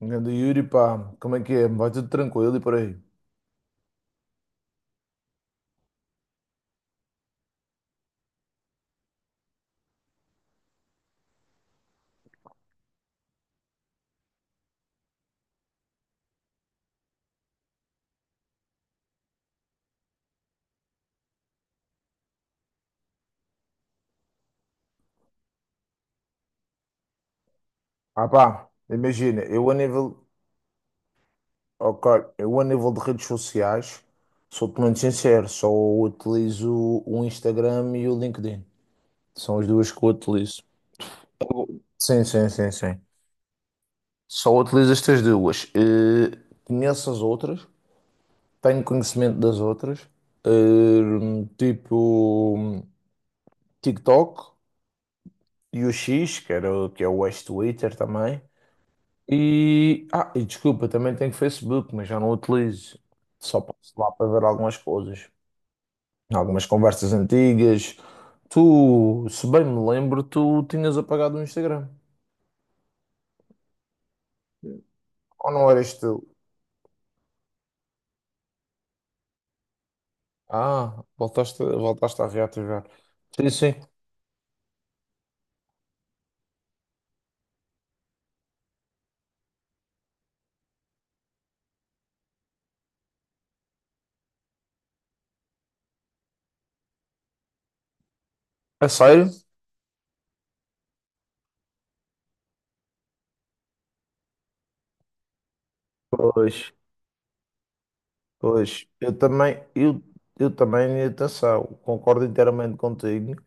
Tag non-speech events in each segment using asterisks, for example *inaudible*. Grande Yuri, pá, como é que é? Vai tudo tranquilo e por aí? Ah, pá, imagina, ok, eu a nível de redes sociais, sou-te muito sincero, só utilizo o Instagram e o LinkedIn. São as duas que eu utilizo. Sim, sim, sim, sim. Só utilizo estas duas. Conheço as outras, tenho conhecimento das outras. Tipo TikTok e o X, que é o ex-Twitter também. E desculpa, também tenho Facebook, mas já não utilizo. Só passo lá para ver algumas coisas, algumas conversas antigas. Tu, se bem me lembro, tu tinhas apagado o Instagram. Ou não eras tu? Ah, voltaste a reativar. Sim, sim. É sério? Pois, pois. Eu também, eu também, atenção, concordo inteiramente contigo.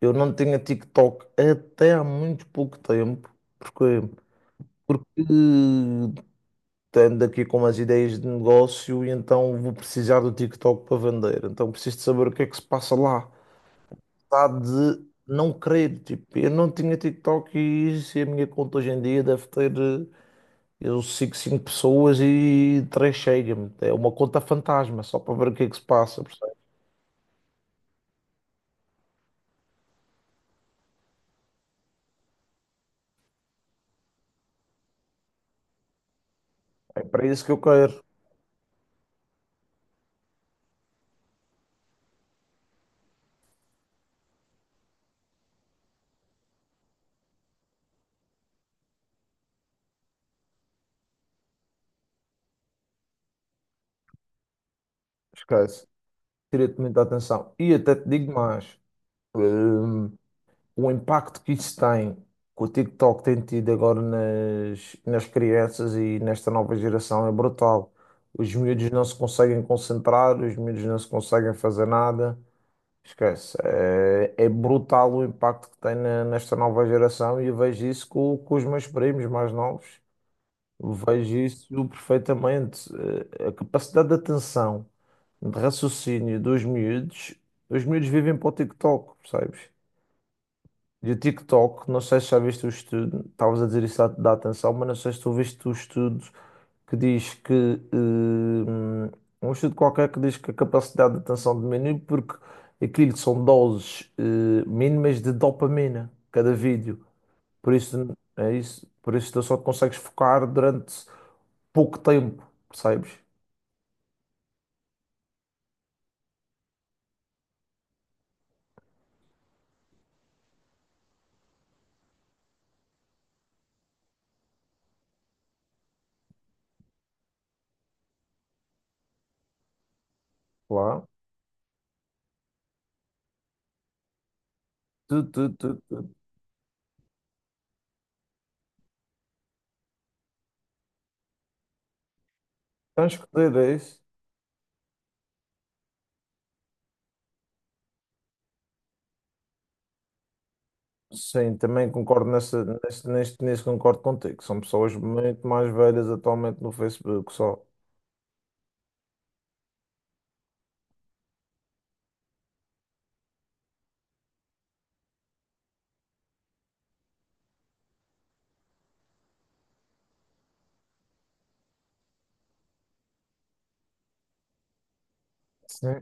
Eu não tinha TikTok até há muito pouco tempo. Porquê? Porque estando aqui com umas ideias de negócio e então vou precisar do TikTok para vender. Então preciso de saber o que é que se passa lá. Está de não crer, tipo, eu não tinha TikTok e isso, e a minha conta hoje em dia deve ter, eu sigo 5 pessoas e 3 chega-me. É uma conta fantasma, só para ver o que é que se passa. Percebe? É para isso que eu quero. Esquece. Tira-te muita atenção. E até te digo mais. Hum, o impacto que isso tem, que o TikTok tem tido agora nas crianças e nesta nova geração é brutal. Os miúdos não se conseguem concentrar, os miúdos não se conseguem fazer nada. Esquece. É brutal o impacto que tem nesta nova geração, e eu vejo isso com os meus primos mais novos. Vejo isso perfeitamente. A capacidade de atenção, de raciocínio dos miúdos, os miúdos vivem para o TikTok, percebes? E o TikTok, não sei se já viste o estudo, estavas a dizer isso da atenção, mas não sei se tu viste o estudo que diz que, hum, um estudo qualquer que diz que a capacidade de atenção diminui porque aquilo que são doses, mínimas de dopamina, cada vídeo. Por isso, é isso, por isso tu só te consegues focar durante pouco tempo, percebes? Claro. Tu. Tens que ter isso. Sim, também concordo nisso, concordo contigo. São pessoas muito mais velhas atualmente no Facebook só. Sim.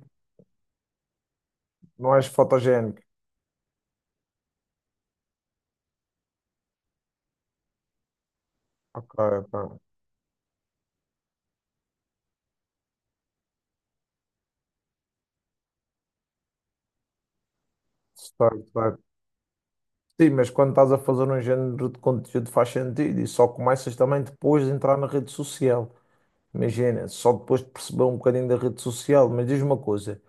Não és fotogénico. Ok, ok. Certo, certo. Sim, mas quando estás a fazer um género de conteúdo faz sentido, e só começas também depois de entrar na rede social. Imagina, só depois de perceber um bocadinho da rede social. Mas diz uma coisa,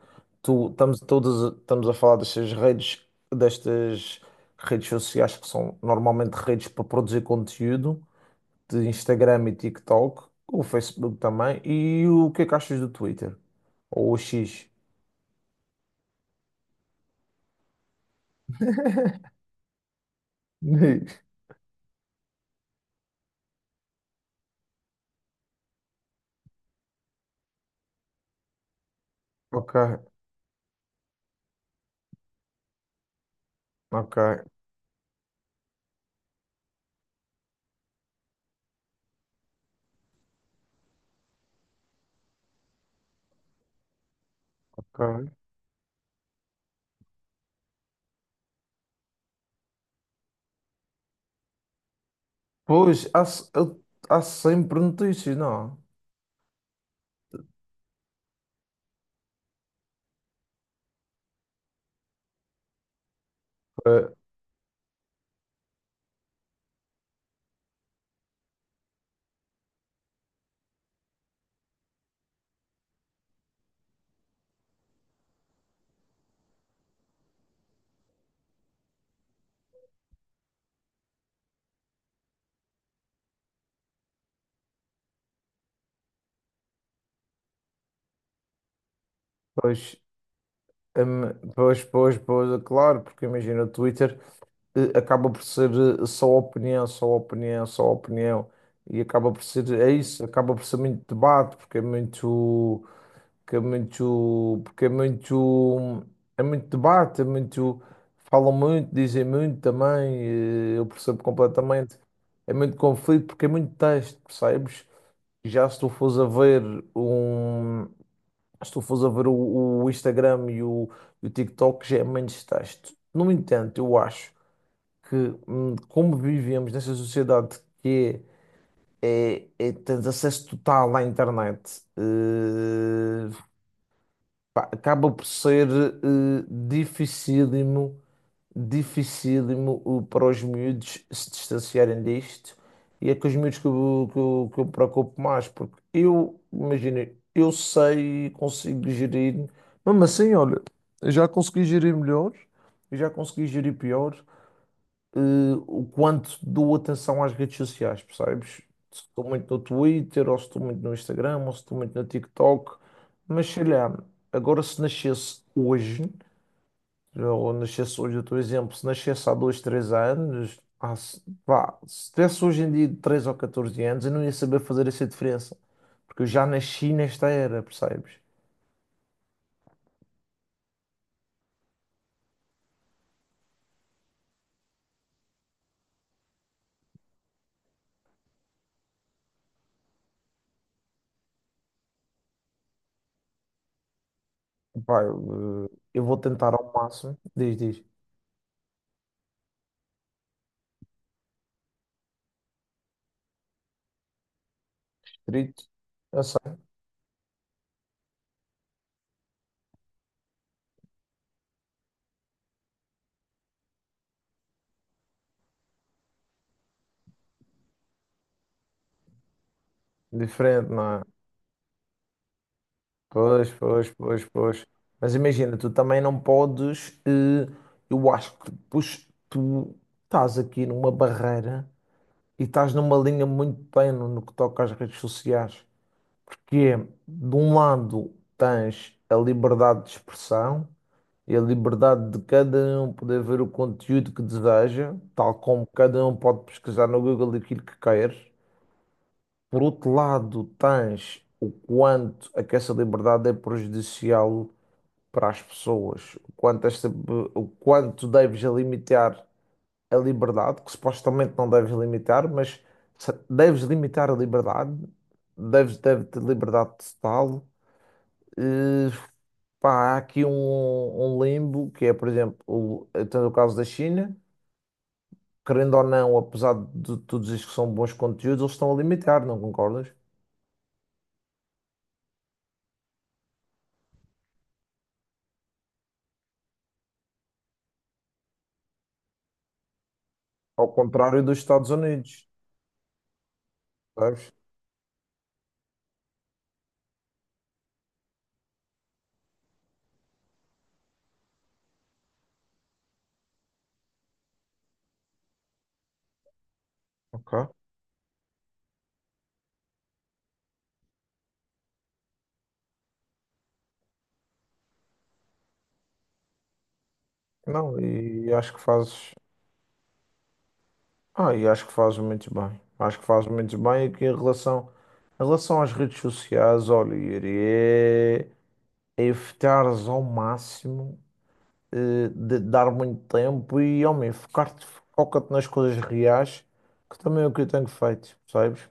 estamos a falar destas redes, destas sociais que são normalmente redes para produzir conteúdo, de Instagram e TikTok, o Facebook também. E o que é que achas do Twitter? Ou o X? *laughs* Ok, ok, ok. Pois, há, se- eu- há sempre notícias, não? Eh, Pois, pois, pois, pois, é claro, porque imagina, o Twitter acaba por ser só opinião, só opinião, só opinião, e acaba por ser, é isso, acaba por ser muito debate, porque é muito, que é muito, porque é muito debate, é muito, falam muito, dizem muito também, eu percebo completamente. É muito conflito porque é muito texto, percebes? Já se tu fores a ver um, se tu fores a ver o Instagram e o TikTok já é menos texto. No entanto, eu acho que, como vivemos nessa sociedade que é, tens acesso total à internet, pá, acaba por ser, dificílimo, dificílimo, para os miúdos se distanciarem disto. E é com os miúdos que eu, que eu, que eu me preocupo mais, porque eu, imagina, eu sei e consigo gerir, mesmo assim, olha, eu já consegui gerir melhor, eu já consegui gerir pior, o quanto dou atenção às redes sociais, percebes? Se estou muito no Twitter, ou se estou muito no Instagram, ou se estou muito no TikTok, mas sei lá, agora se nascesse hoje, ou nascesse hoje, eu estou exemplo, se nascesse há dois três anos, se, pá, se tivesse hoje em dia 13 ou 14 anos, eu não ia saber fazer essa diferença, porque eu já nasci nesta era, percebes? Pá, eu vou tentar ao máximo, diz, diz, escrito, eu sei, diferente, não é? Pois, pois, pois, pois. Mas imagina, tu também não podes. Eh, eu acho que depois tu estás aqui numa barreira e estás numa linha muito tênue no que toca às redes sociais. Porque, de um lado, tens a liberdade de expressão e a liberdade de cada um poder ver o conteúdo que deseja, tal como cada um pode pesquisar no Google aquilo que quer. Por outro lado, tens o quanto é que essa liberdade é prejudicial para as pessoas, o quanto deves limitar a liberdade, que supostamente não deves limitar, mas deves limitar a liberdade, deves ter liberdade total. Eh, Pá, há aqui um limbo que é, por exemplo, então, no caso da China, querendo ou não, apesar de tu dizes que são bons conteúdos, eles estão a limitar, não concordas? Ao contrário dos Estados Unidos, sabes? Ok. Não, e acho que fazes. Ah, e acho que faz muito bem. Acho que faz muito bem aqui em relação, às redes sociais, olha, Yuri, é evitares ao máximo, de dar muito tempo, e, homem, focar-te, foca-te nas coisas reais, que também é o que eu tenho feito, percebes?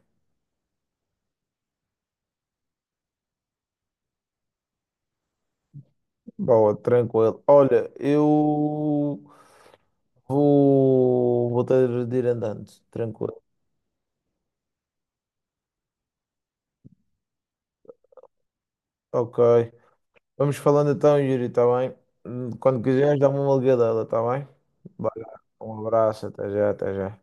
Boa, tranquilo. Olha, eu vou ter de ir andando, tranquilo. Ok. Vamos falando então, Yuri, está bem? Quando quiseres, dá-me uma ligadela, está bem? Vai lá. Um abraço, até já, até já.